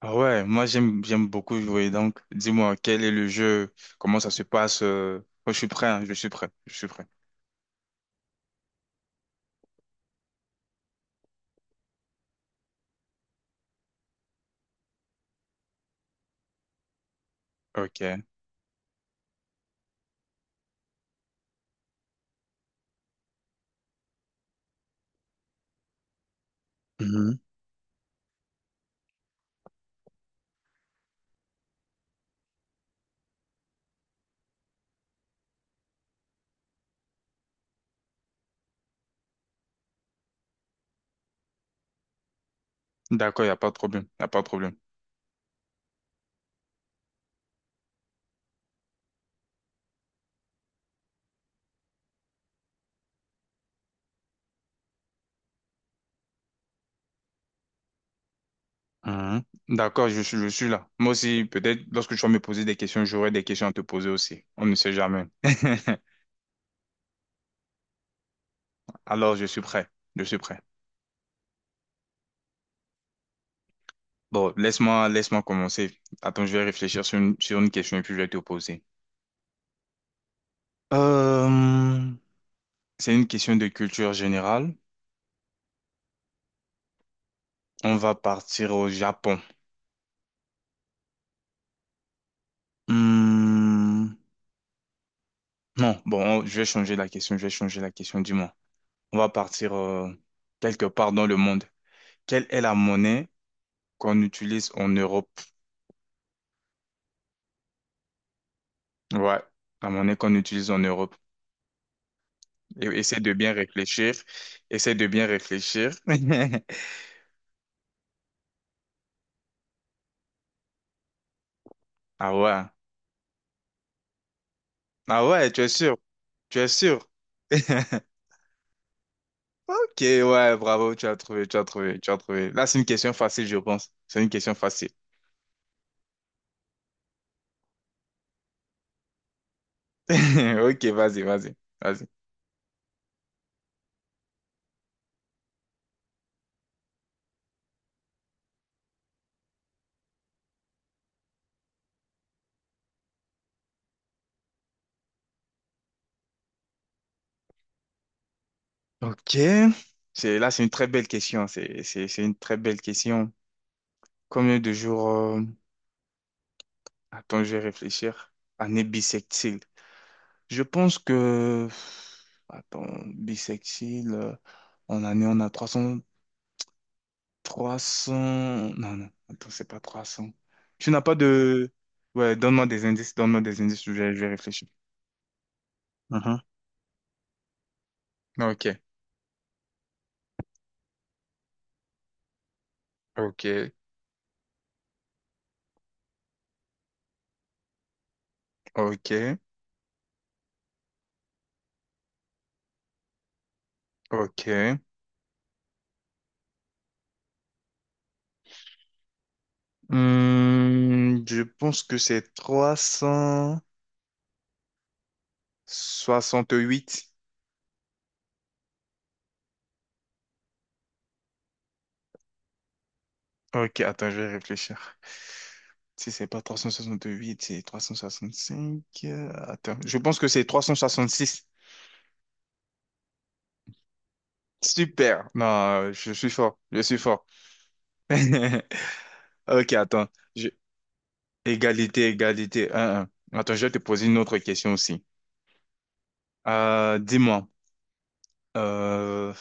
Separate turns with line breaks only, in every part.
Ah ouais, moi j'aime beaucoup jouer. Donc, dis-moi, quel est le jeu? Comment ça se passe? Moi, je suis prêt, hein, je suis prêt, je suis prêt. Ok. Mhm. D'accord, il n'y a pas de problème. Il a pas de problème. Mhm. D'accord, je suis là. Moi aussi, peut-être lorsque tu vas me poser des questions, j'aurai des questions à te poser aussi. On ne sait jamais. Alors, je suis prêt. Je suis prêt. Bon, laisse-moi commencer. Attends, je vais réfléchir sur une question et puis je vais te poser. Euh, c'est une question de culture générale. On va partir au Japon. Hmm, non, bon, oh, je vais changer la question, je vais changer la question, dis-moi. On va partir quelque part dans le monde. Quelle est la monnaie qu'on utilise en Europe? Ouais, la monnaie qu'on utilise en Europe. Et, essaie de bien réfléchir. Essaie de bien réfléchir. Ah ouais. Ah ouais, tu es sûr? Tu es sûr? Ok, ouais, bravo, tu as trouvé, tu as trouvé, tu as trouvé. Là, c'est une question facile, je pense. C'est une question facile. Ok, vas-y, vas-y, vas-y. Ok, c'est là, c'est une très belle question, c'est une très belle question. Combien de jours attends, je vais réfléchir. Année bissextile. Je pense que, attends, bissextile, en année on a trois cents... trois 300. Non, non, attends, c'est pas 300. Tu n'as pas de Ouais, donne-moi des indices, je vais réfléchir. Mhm. Ok. Ok. Ok. Ok. Je pense que c'est 300 68. Ok, attends, je vais réfléchir. Si c'est pas 368, c'est 365. Attends, je pense que c'est 366. Super. Non, je suis fort. Je suis fort. Ok, attends. Je- Égalité, égalité. Un, un. Attends, je vais te poser une autre question aussi. Dis-moi, euh,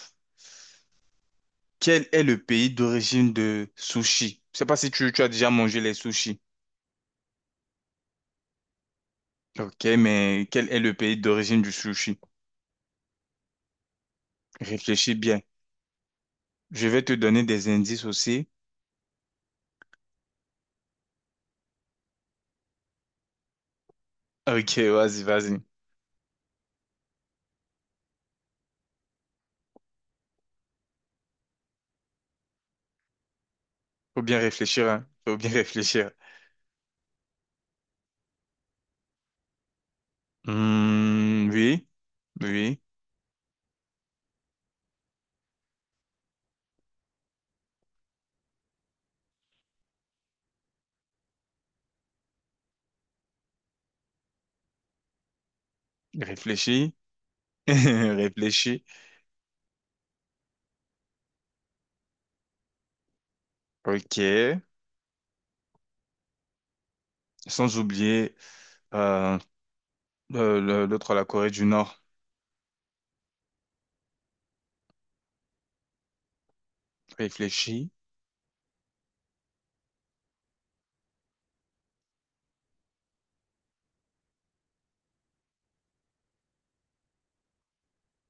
quel est le pays d'origine de sushi? Je sais pas si tu as déjà mangé les sushis. Ok, mais quel est le pays d'origine du sushi? Réfléchis bien. Je vais te donner des indices aussi. Ok, vas-y, vas-y. Faut bien réfléchir, hein. Faut bien réfléchir. Hmm, oui, oui. Réfléchis. Réfléchis. Ok. Sans oublier euh, l'autre, la Corée du Nord. Réfléchis.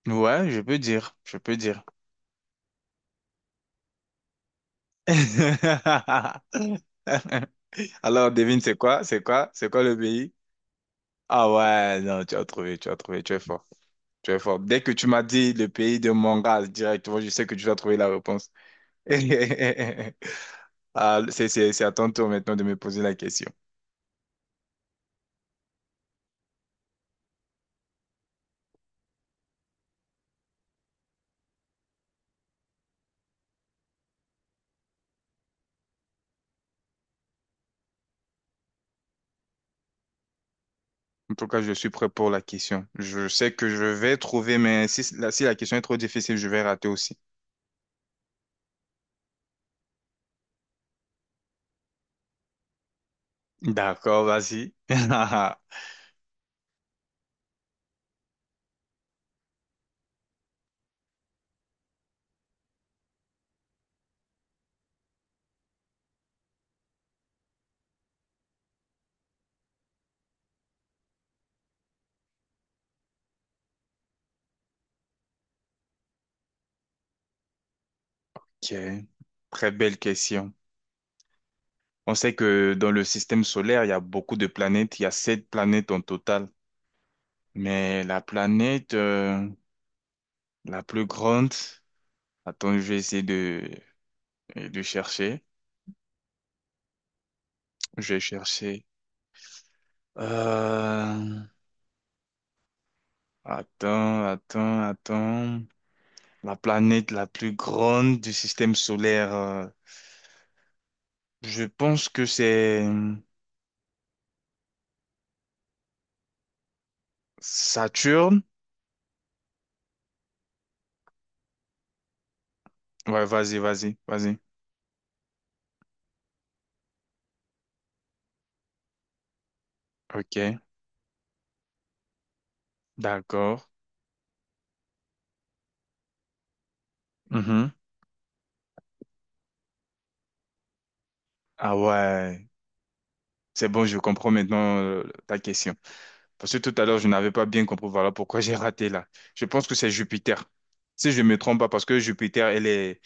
Ouais, je peux dire. Je peux dire. Alors, devine, c'est quoi? C'est quoi? C'est quoi le pays? Ah ouais, non, tu as trouvé, tu as trouvé, tu es fort. Tu es fort. Dès que tu m'as dit le pays de manga, directement, je sais que tu vas trouver la réponse. Ah, c'est à ton tour maintenant de me poser la question. En tout cas, je suis prêt pour la question. Je sais que je vais trouver, mais si la question est trop difficile, je vais rater aussi. D'accord, vas-y. Ok. Très belle question. On sait que dans le système solaire, il y a beaucoup de planètes. Il y a sept planètes en total. Mais la planète la plus grande, attends, je vais essayer de chercher. Je vais chercher. Euh, Attends, attends, attends. La planète la plus grande du système solaire. Je pense que c'est Saturne. Ouais, vas-y, vas-y, vas-y. Ok, d'accord. Mhm. Ah ouais. C'est bon, je comprends maintenant ta question. Parce que tout à l'heure, je n'avais pas bien compris. Voilà pourquoi j'ai raté là. Je pense que c'est Jupiter. Si je me trompe pas, parce que Jupiter, elle est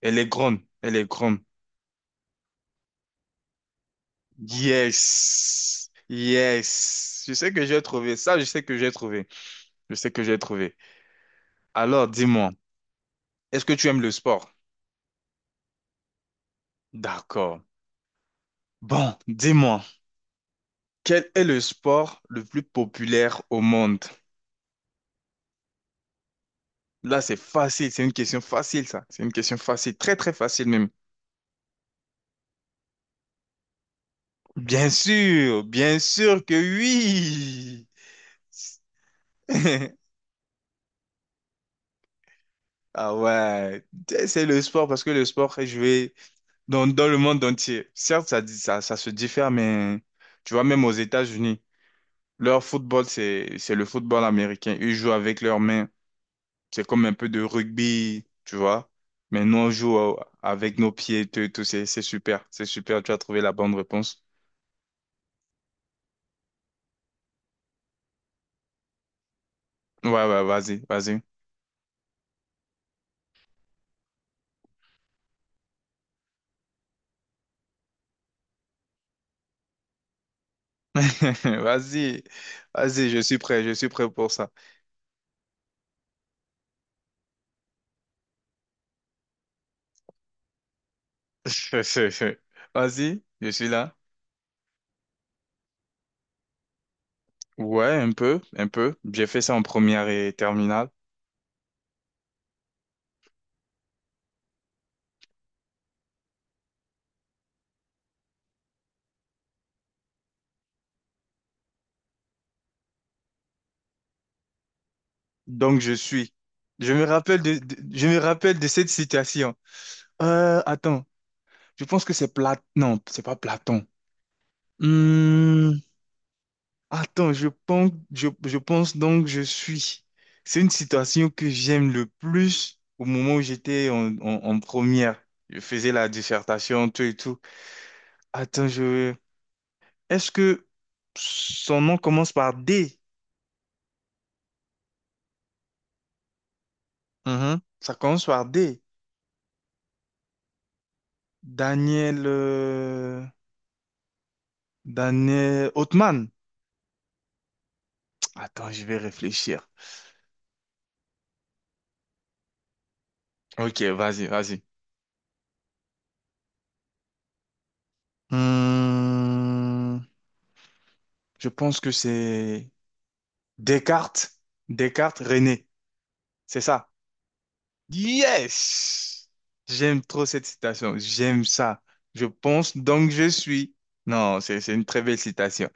Elle est grande, elle est grande. Yes, yes. Je sais que j'ai trouvé ça, je sais que j'ai trouvé. Je sais que j'ai trouvé. Alors, dis-moi, est-ce que tu aimes le sport? D'accord. Bon, dis-moi, quel est le sport le plus populaire au monde? Là, c'est facile, c'est une question facile, ça. C'est une question facile, très, très facile même. Bien sûr que oui. Ah ouais, c'est le sport parce que le sport est joué dans le monde entier. Certes, ça, ça se diffère, mais tu vois, même aux États-Unis, leur football, c'est le football américain. Ils jouent avec leurs mains. C'est comme un peu de rugby, tu vois. Mais nous, on joue avec nos pieds, tout, tout. C'est super. C'est super. Tu as trouvé la bonne réponse. Ouais, ouais, vas-y, vas-y. Vas-y, vas-y, je suis prêt pour ça. Vas-y, je suis là. Ouais, un peu, un peu. J'ai fait ça en première et terminale. Donc je suis. Je me rappelle de- je me rappelle de cette citation. Attends, je pense que c'est Platon. Non, c'est pas Platon. Hmm, attends, je pense donc je suis. C'est une citation que j'aime le plus au moment où j'étais en première. Je faisais la dissertation, tout et tout. Attends, est-ce que son nom commence par D? Mhm. Ça commence par D. Daniel... euh, Daniel Othman. Attends, je vais réfléchir. Ok, vas-y, vas-y. Hmm, je pense que c'est Descartes, Descartes, René. C'est ça. Yes! J'aime trop cette citation. J'aime ça. Je pense donc je suis. Non, c'est une très belle citation.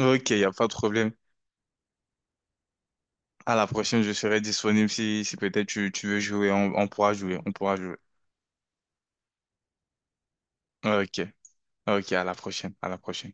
Ok, il n'y a pas de problème. À la prochaine, je serai disponible si peut-être tu veux jouer. On pourra jouer. On pourra jouer. Ok. Ok, à la prochaine. À la prochaine.